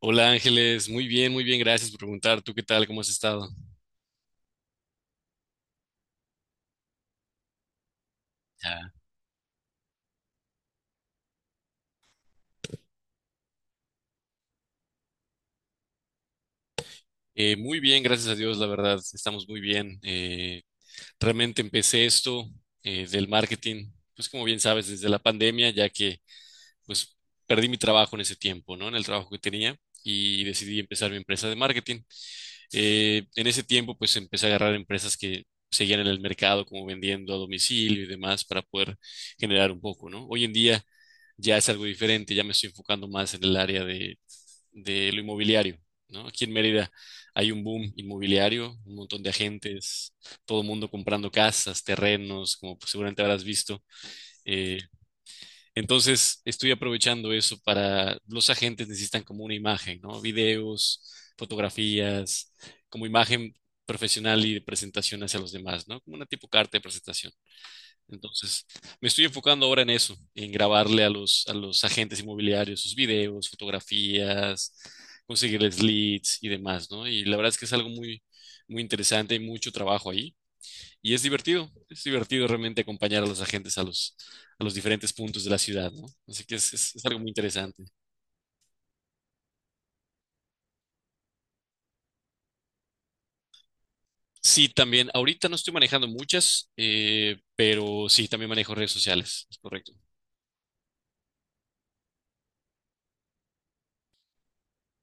Hola Ángeles, muy bien, gracias por preguntar. ¿Tú qué tal? ¿Cómo has estado? Ya. Muy bien, gracias a Dios, la verdad, estamos muy bien. Realmente empecé esto del marketing, pues como bien sabes, desde la pandemia, ya que pues perdí mi trabajo en ese tiempo, ¿no? En el trabajo que tenía y decidí empezar mi empresa de marketing. En ese tiempo, pues empecé a agarrar empresas que seguían en el mercado, como vendiendo a domicilio y demás, para poder generar un poco, ¿no? Hoy en día ya es algo diferente, ya me estoy enfocando más en el área de lo inmobiliario, ¿no? Aquí en Mérida hay un boom inmobiliario, un montón de agentes, todo el mundo comprando casas, terrenos, como pues, seguramente habrás visto. Eh, entonces, estoy aprovechando eso para los agentes necesitan como una imagen, ¿no? Videos, fotografías, como imagen profesional y de presentación hacia los demás, ¿no? Como una tipo carta de presentación. Entonces, me estoy enfocando ahora en eso, en grabarle a los agentes inmobiliarios sus videos, fotografías, conseguirles leads y demás, ¿no? Y la verdad es que es algo muy, muy interesante y mucho trabajo ahí. Y es divertido realmente acompañar a los agentes a los diferentes puntos de la ciudad, ¿no? Así que es, es algo muy interesante. Sí, también, ahorita no estoy manejando muchas, pero sí, también manejo redes sociales, es correcto.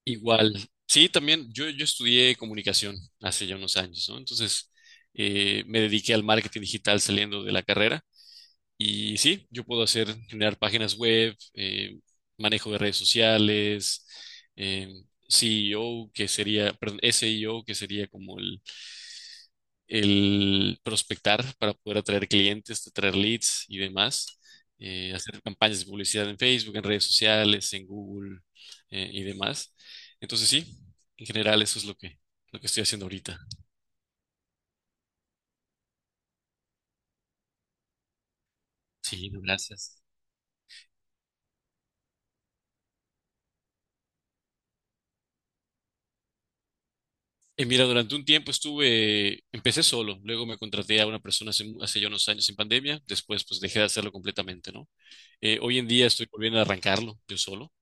Igual, sí, también yo estudié comunicación hace ya unos años, ¿no? Entonces, me dediqué al marketing digital saliendo de la carrera. Y sí, yo puedo hacer, generar páginas web, manejo de redes sociales, eh, CEO, que sería, perdón, SEO, que sería como el prospectar para poder atraer clientes, atraer leads y demás, hacer campañas de publicidad en Facebook, en redes sociales, en Google, y demás. Entonces sí, en general eso es lo que estoy haciendo ahorita. Sí, no, gracias. Mira, durante un tiempo estuve, empecé solo, luego me contraté a una persona hace ya unos años en pandemia, después pues dejé de hacerlo completamente, ¿no? Hoy en día estoy volviendo a arrancarlo yo solo,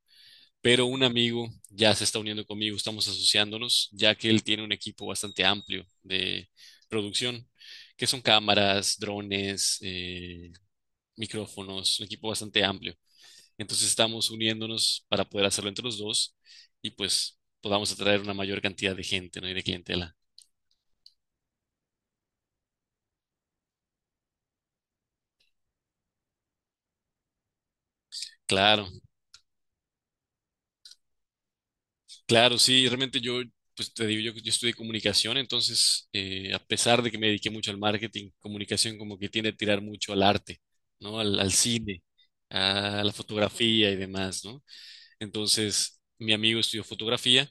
pero un amigo ya se está uniendo conmigo, estamos asociándonos, ya que él tiene un equipo bastante amplio de producción, que son cámaras, drones, micrófonos, un equipo bastante amplio. Entonces estamos uniéndonos para poder hacerlo entre los dos y pues podamos atraer una mayor cantidad de gente, ¿no? Y de clientela. Claro. Claro, sí, realmente yo, pues te digo, yo estudié comunicación, entonces, a pesar de que me dediqué mucho al marketing, comunicación como que tiende a tirar mucho al arte, ¿no? Al cine, a la fotografía y demás, ¿no? Entonces, mi amigo estudió fotografía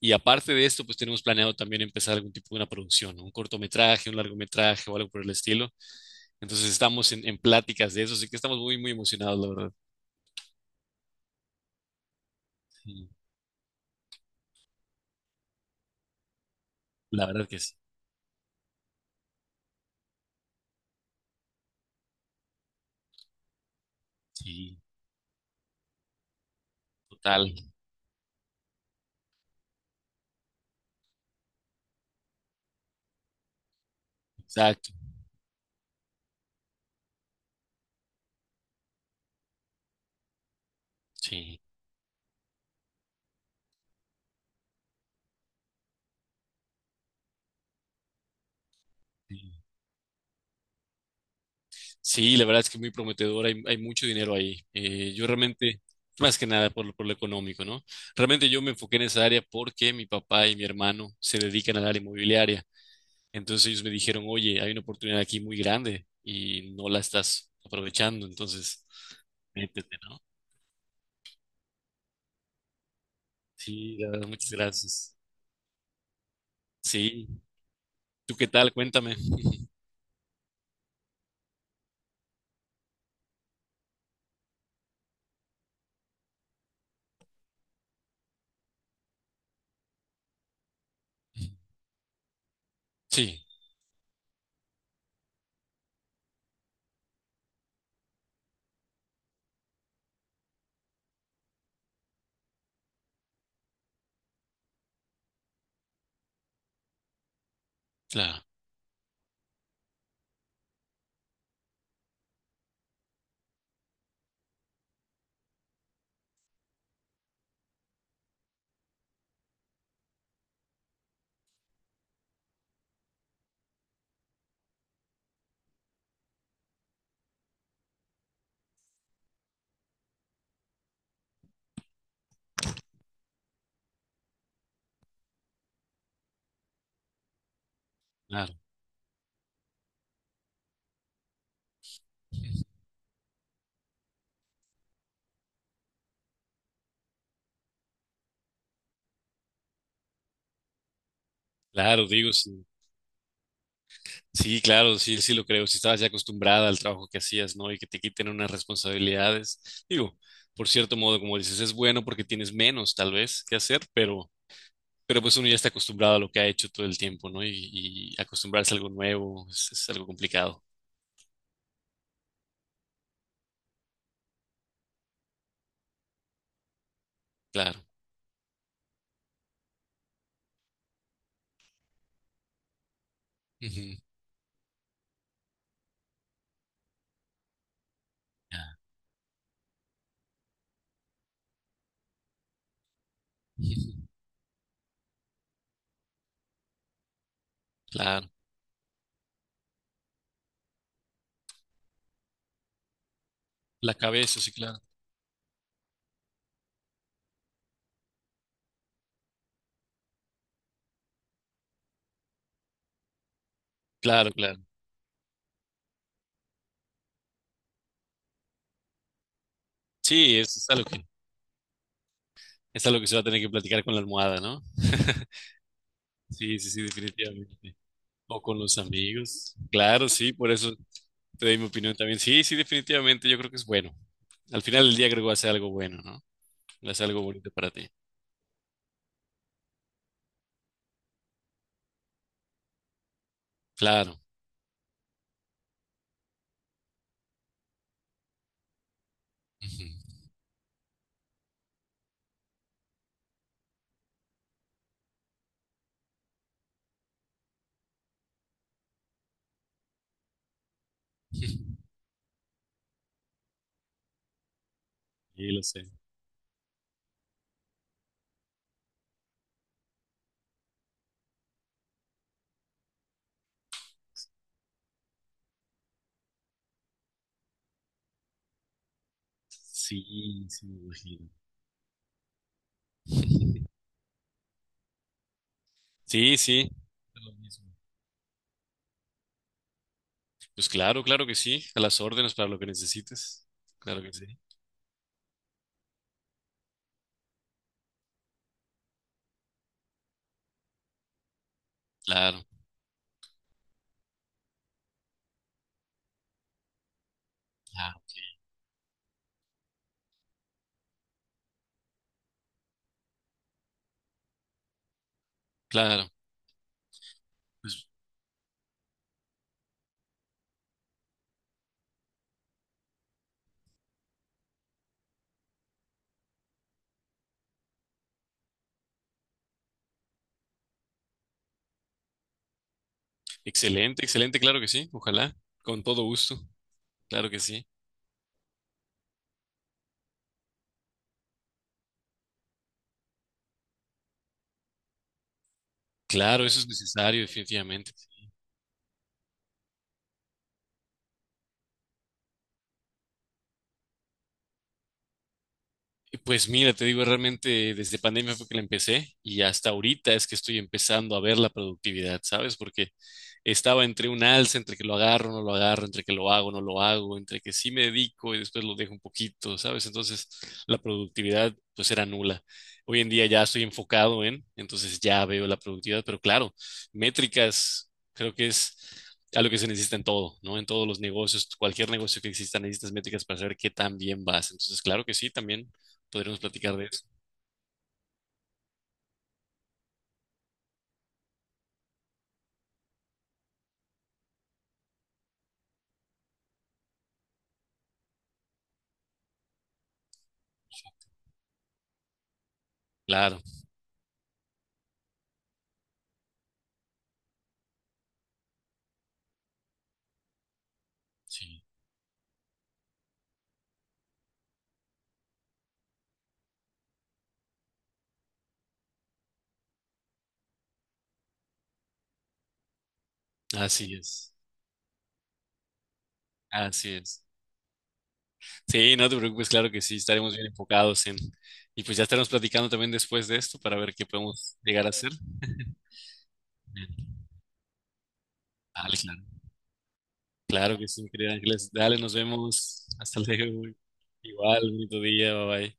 y aparte de esto, pues tenemos planeado también empezar algún tipo de una producción, ¿no? Un cortometraje, un largometraje o algo por el estilo. Entonces, estamos en pláticas de eso, así que estamos muy, muy emocionados, la verdad. Sí, la verdad que sí, sí, total, exacto, sí. Sí, la verdad es que es muy prometedor, hay mucho dinero ahí. Yo realmente, más que nada por lo económico, ¿no? Realmente yo me enfoqué en esa área porque mi papá y mi hermano se dedican al área inmobiliaria. Entonces ellos me dijeron, oye, hay una oportunidad aquí muy grande y no la estás aprovechando, entonces métete, ¿no? Sí, la verdad, muchas gracias. Sí, ¿tú qué tal? Cuéntame. Sí, claro, claro, claro, digo, sí. Sí, claro, sí, sí lo creo. Si estabas ya acostumbrada al trabajo que hacías, ¿no? Y que te quiten unas responsabilidades. Digo, por cierto modo, como dices, es bueno porque tienes menos, tal vez, que hacer, pero pues uno ya está acostumbrado a lo que ha hecho todo el tiempo, ¿no? Y acostumbrarse a algo nuevo es algo complicado, claro. Ujú. Ah, ujú. Claro. La cabeza, sí, claro. Claro, claro. Sí, es algo que se va a tener que platicar con la almohada, ¿no? Sí, sí, sí, definitivamente. O con los amigos. Claro, sí, por eso te doy mi opinión también. Sí, sí, definitivamente yo creo que es bueno. Al final del día creo que va a ser algo bueno, ¿no? Va a ser algo bonito para ti. Claro. Ujú. Sí, lo sé. Sí, sí, me imagino. Sí, sí. Lo mismo. Pues claro, claro que sí. A las órdenes para lo que necesites. Claro que sí. Claro, claro, claro. Excelente, excelente, claro que sí. Ojalá. Con todo gusto. Claro que sí. Claro, eso es necesario, definitivamente. Pues mira, te digo, realmente desde pandemia fue que la empecé y hasta ahorita es que estoy empezando a ver la productividad, ¿sabes? Porque estaba entre un alza, entre que lo agarro, no lo agarro, entre que lo hago, no lo hago, entre que sí me dedico y después lo dejo un poquito, ¿sabes? Entonces la productividad pues era nula. Hoy en día ya estoy enfocado en, entonces ya veo la productividad, pero claro, métricas creo que es algo que se necesita en todo, ¿no? En todos los negocios, cualquier negocio que exista necesitas métricas para saber qué tan bien vas. Entonces, claro que sí, también podremos platicar de eso. Claro, sí. Así es. Así es. Sí, no te preocupes, claro que sí, estaremos bien enfocados en... Y pues ya estaremos platicando también después de esto para ver qué podemos llegar a hacer. Dale, claro. Claro que sí, mi querida Ángeles. Dale, nos vemos. Hasta luego. Igual, bonito día, bye bye.